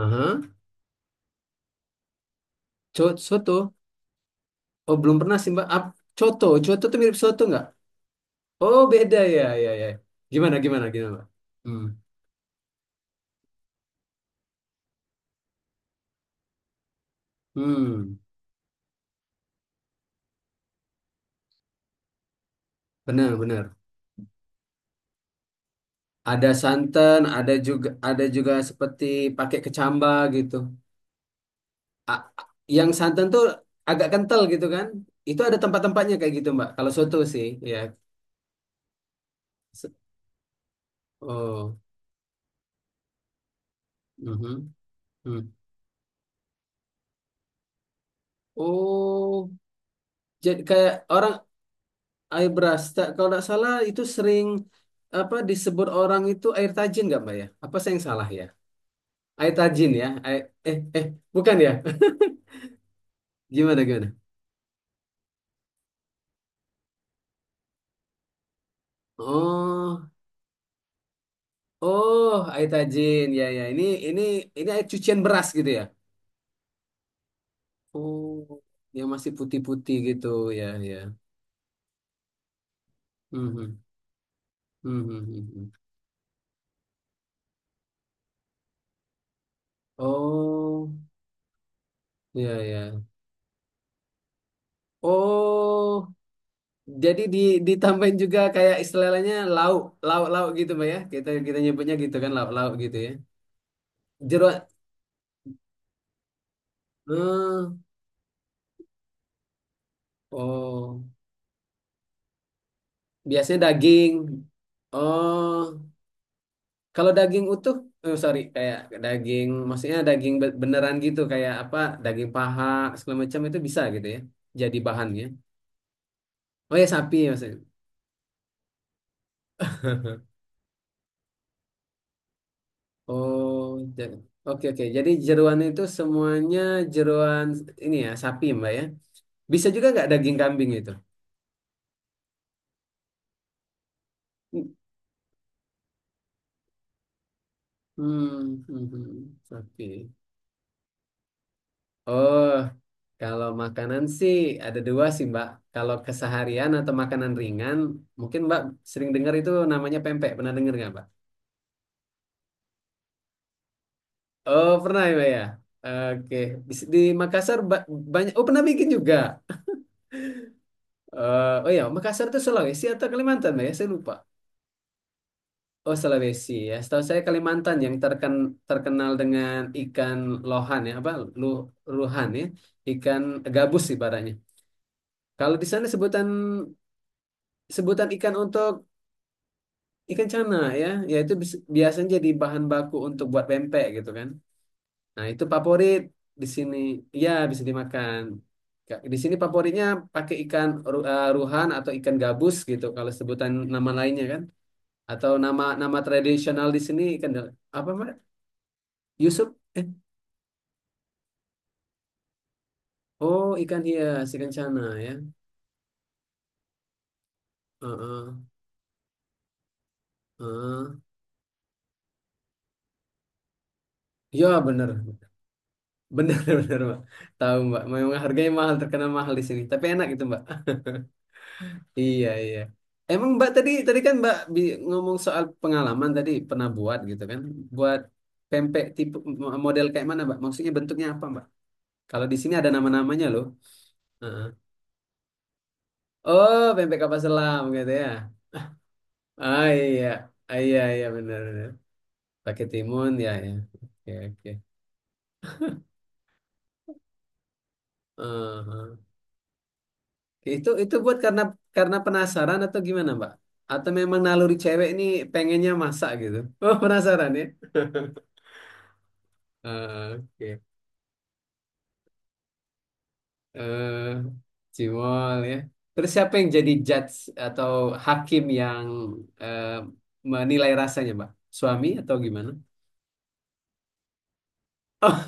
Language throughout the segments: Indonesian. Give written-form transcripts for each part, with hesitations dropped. Aha. Soto. Oh, belum pernah sih, Mbak. Ap- Coto. Coto tuh mirip soto nggak? Oh, beda ya, ya, ya. Gimana, Mbak? Hmm. Hmm. Benar, benar. Ada santan, ada juga seperti pakai kecamba gitu. A- a- yang santan tuh agak kental gitu kan? Itu ada tempat-tempatnya kayak gitu, Mbak. Kalau soto sih, ya. Se- Oh. Mhm, hmm. Oh, jadi kayak orang air beras. Tak- Kalau nggak salah itu sering apa disebut orang itu air tajin nggak Mbak ya? Apa saya yang salah ya? Air tajin ya? Air, eh bukan ya? Gimana gimana? Oh oh air tajin ya ya ini ini air cucian beras gitu ya? Oh yang masih putih-putih gitu ya ya. Mhm. Mhm. Oh ya ya. Oh jadi ditambahin juga kayak istilahnya lauk, lauk, lauk gitu Mbak ya. Kita kita nyebutnya gitu kan lauk, lauk gitu ya. Jeruan. eh, oh, biasanya daging. Oh, kalau daging utuh, eh sorry, kayak daging, maksudnya daging be- beneran gitu, kayak apa, daging paha segala macam itu bisa gitu ya, jadi bahannya. Oh ya sapi maksudnya. Oh, ja- oke oke. Jadi jeruan itu semuanya jeruan ini ya sapi Mbak ya. Bisa juga nggak daging kambing itu? Hmm. Oke. Oh, kalau makanan sih ada dua sih, Mbak. Kalau keseharian atau makanan ringan, mungkin Mbak sering dengar itu namanya pempek. Pernah dengar nggak, Mbak? Oh, pernah ya, Mbak ya. Oke. Di Makassar ba- banyak. Oh, pernah bikin juga. Eh, oh ya, Makassar itu Sulawesi atau Kalimantan, Mbak ya? Saya lupa. Oh, Sulawesi ya. Setahu saya Kalimantan yang terken, terkenal dengan ikan lohan ya, apa? Lu, ruhan ya. Ikan gabus ibaratnya. Kalau di sana sebutan sebutan ikan untuk ikan cana ya, yaitu bis- biasanya jadi bahan baku untuk buat pempek gitu kan. Nah, itu favorit di sini. Ya, bisa dimakan. Ka- Di sini favoritnya pakai ikan ru- eh, ruhan atau ikan gabus gitu kalau sebutan nama lainnya kan. Atau nama nama tradisional di sini ikan dal- apa, Mbak? Yusuf? Eh, oh, ikan hias, ikan cana ya. Heeh. Heeh. Ya, bener. Benar, benar, Mbak. Tahu, Mbak. Memang harganya mahal, terkenal mahal di sini. Tapi enak itu, Mbak. Iya, iya. Emang Mbak tadi tadi kan Mbak bi- ngomong soal pengalaman tadi pernah buat gitu kan. Buat pempek tipe mo- model kayak mana, Mbak? Maksudnya bentuknya apa, Mbak? Kalau di sini ada nama-namanya loh. Heeh. Oh, pempek kapal selam gitu ya. Ah, iya. Ah, iya, iya benar, benar. Pakai timun ya, ya. Oke, oke. Heeh. Itu buat karena penasaran atau gimana, Mbak? Atau memang naluri cewek ini pengennya masak gitu? Oh, penasaran ya? Eh, oke. eh Cimol ya. Terus siapa yang jadi judge atau hakim yang eh, menilai rasanya, Mbak? Suami atau gimana? Oh,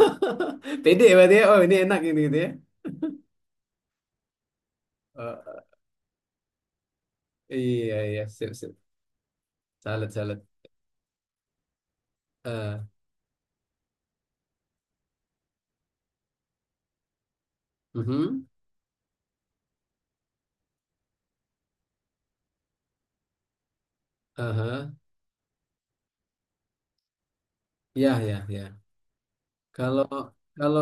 pede berarti ya. Oh, ini enak ini gitu ya. Eh, iya, iya. Sip, sip. Salut, salut. eh mhm, aha. Ya, ya, ya. Kalau kalau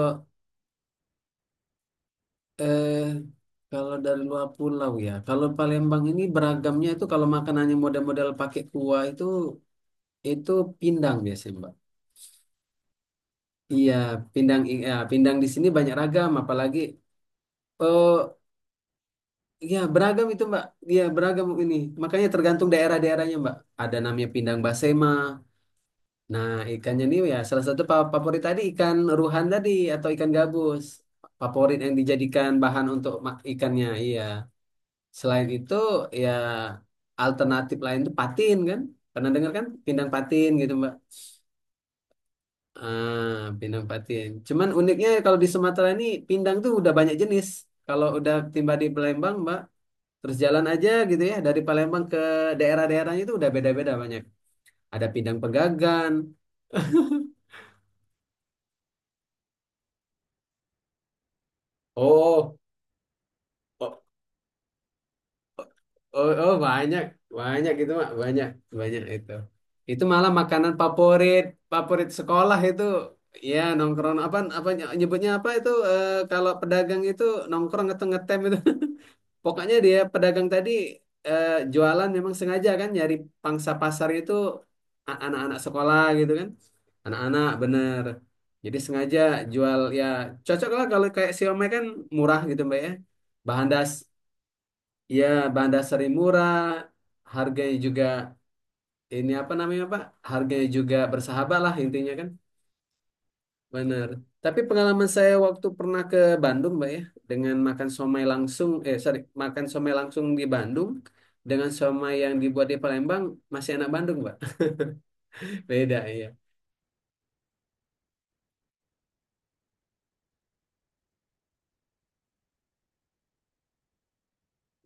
eh, kalau dari luar pulau ya, kalau Palembang ini beragamnya itu kalau makanannya model-model pakai kuah itu pindang biasanya, Mbak. Iya, pindang i- ya, pindang di sini banyak ragam, apalagi oh ya beragam itu, Mbak. Iya, beragam ini. Makanya tergantung daerah-daerahnya, Mbak. Ada namanya pindang basema. Nah, ikannya ini ya salah satu fa- favorit tadi ikan ruhan tadi atau ikan gabus. Favorit yang dijadikan bahan untuk ma- ikannya, iya. Selain itu ya alternatif lain tuh Patin kan? Pernah dengar kan? Pindang Patin gitu Mbak. Ah, pindang Patin. Cuman uniknya kalau di Sumatera ini pindang tuh udah banyak jenis. Kalau udah tiba di Palembang Mbak, terus jalan aja gitu ya dari Palembang ke daerah-daerahnya itu udah beda-beda banyak. Ada pindang pegagan. Oh, oh, oh banyak, banyak itu Mak, banyak, banyak itu. Itu malah makanan favorit, favorit sekolah itu. Ya, nongkrong apa apa nyebutnya apa itu kalau pedagang itu nongkrong atau ngetem itu. Pokoknya dia pedagang tadi eh, jualan memang sengaja kan nyari pangsa pasar itu a- anak-anak sekolah gitu kan. Anak-anak bener. Jadi sengaja jual ya cocok lah kalau kayak siomay kan murah gitu Mbak ya. Bahan das ya, bahan dasarnya murah, harganya juga ini apa namanya Pak? Harganya juga bersahabat lah intinya kan, benar. Tapi pengalaman saya waktu pernah ke Bandung, Mbak ya, dengan makan somai langsung, eh sorry, makan somai langsung di Bandung dengan somai yang dibuat di Palembang masih enak Bandung, Mbak. Beda iya.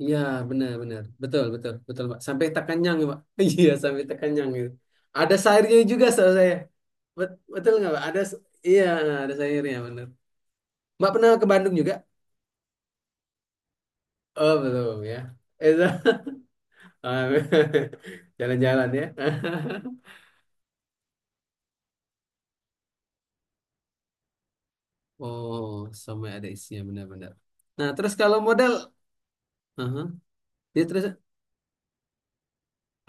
Iya, benar-benar. Betul, betul, betul, Pak. Sampai tak kenyang, ya, Pak. Iya, sampai tak kenyang gitu. Ada sayurnya juga, saudara saya. Bet- betul nggak, Pak? Ada, s- iya, ada sayurnya, benar. Mbak pernah ke Bandung juga? Oh, belum ya. Itu ah, jalan-jalan ya. Oh, sampai ada isinya benar-benar. Nah, terus kalau modal, aha, dia terus,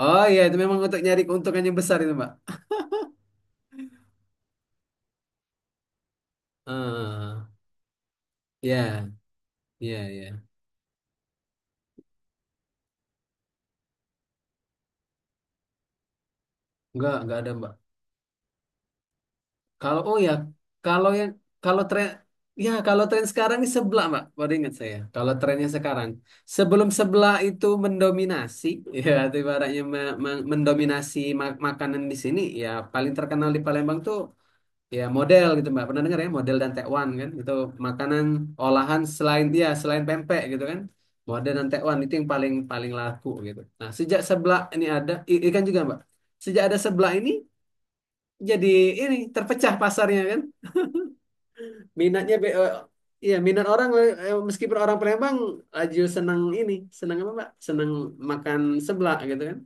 oh iya itu memang untuk nyari keuntungan yang besar itu Mbak. Ah, ya, ya, ya. Enggak ada Mbak. Kalau oh ya, kalau yang kalau tren ya kalau tren sekarang ini sebelah Mbak. Baru ingat saya. Kalau trennya sekarang sebelum sebelah itu mendominasi ya itu ibaratnya me- me- mendominasi ma- makanan di sini ya paling terkenal di Palembang tuh ya model gitu Mbak. Pernah dengar ya model dan tekwan kan? Itu makanan olahan selain dia selain pempek gitu kan. Model dan tekwan itu yang paling paling laku gitu. Nah, sejak sebelah ini ada i- ikan juga Mbak. Sejak ada sebelah ini jadi ini terpecah pasarnya kan minatnya be eh, iya minat orang eh, meskipun orang Palembang laju senang ini senang apa Mbak senang makan seblak gitu kan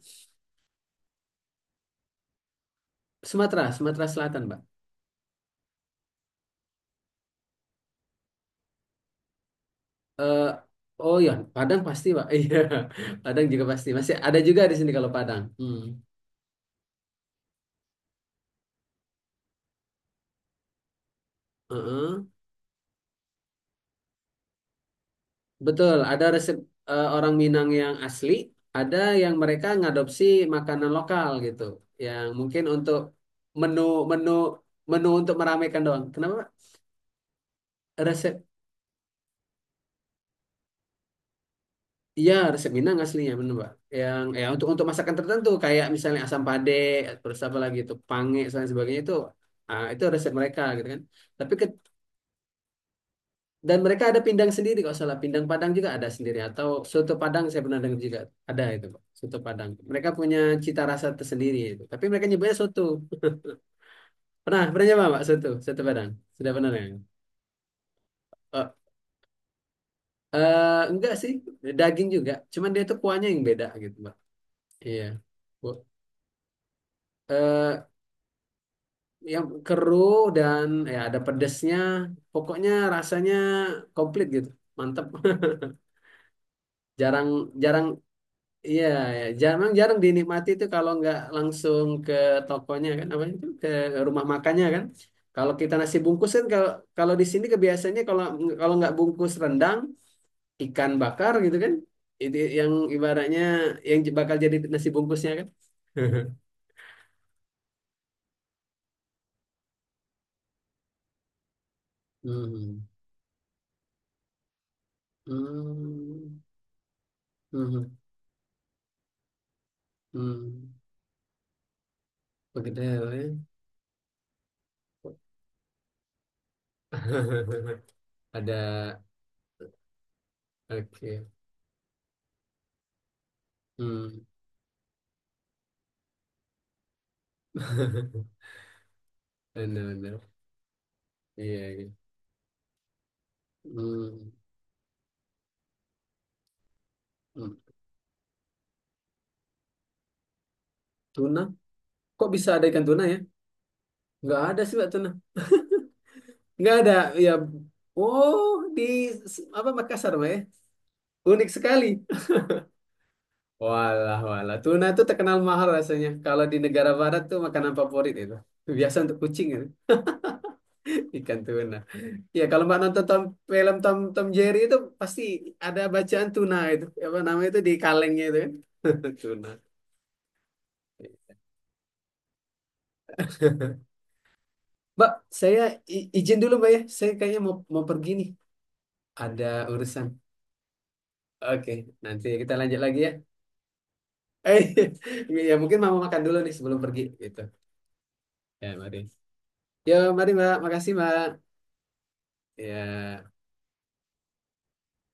Sumatera Sumatera Selatan Mbak eh, oh iya Padang pasti Mbak iya Padang juga pasti masih ada juga di sini kalau Padang hmm. Heeh. Betul ada resep orang Minang yang asli ada yang mereka ngadopsi makanan lokal gitu yang mungkin untuk menu menu menu untuk meramaikan doang kenapa Mbak? Resep iya, resep Minang aslinya bener, mbak. Yang ya untuk masakan tertentu kayak misalnya asam pade, terus apa lagi itu pange dan lain sebagainya itu ah, itu resep mereka gitu kan. Tapi ke- dan mereka ada pindang sendiri kalau salah, pindang Padang juga ada sendiri atau soto Padang saya pernah dengar juga ada itu, Pak. Soto Padang. Mereka punya cita rasa tersendiri itu. Tapi mereka nyebutnya soto. Pernah, pernah nyoba, mbak soto, soto Padang. Sudah pernah ya? Oh, eh, enggak sih, daging juga. Cuman dia tuh kuahnya yang beda gitu, mbak. Iya. Bu- eh, yang keruh dan ya ada pedesnya. Pokoknya rasanya komplit gitu. Mantep. Jarang jarang iya ya, jarang jarang dinikmati itu kalau nggak langsung ke tokonya kan apa itu ke rumah makannya kan. Kalau kita nasi bungkus kan kalau kalau di sini kebiasaannya kalau kalau nggak bungkus rendang, ikan bakar gitu kan. Itu yang ibaratnya yang bakal jadi nasi bungkusnya kan. Hmm. Hmm. Hmm. Hmm. Begedel ya. Ada oke. Hmm, benar-benar. Iya, iya. Hmm. Hmm. Tuna? Kok bisa ada ikan tuna ya? Nggak ada sih Mbak tuna. Nggak ada. Ya. Oh, di s- apa Makassar, Mbak ya? Unik sekali. Walah, walah. Tuna tuh terkenal mahal rasanya. Kalau di negara barat tuh makanan favorit itu. Biasa untuk kucing itu. Ikan tuna. Ya, kalau Mbak nonton Tom, film Tom Tom Jerry itu pasti ada bacaan tuna itu. Apa namanya itu di kalengnya itu kan. Tuna. Mbak, saya i- izin dulu Mbak ya. Saya kayaknya mau mau pergi nih. Ada urusan. Oke, nanti kita lanjut lagi ya. Eh, ya mungkin mau makan dulu nih sebelum pergi gitu. Ya, mari. Yo, mari Mbak. Makasih Mbak. Ya.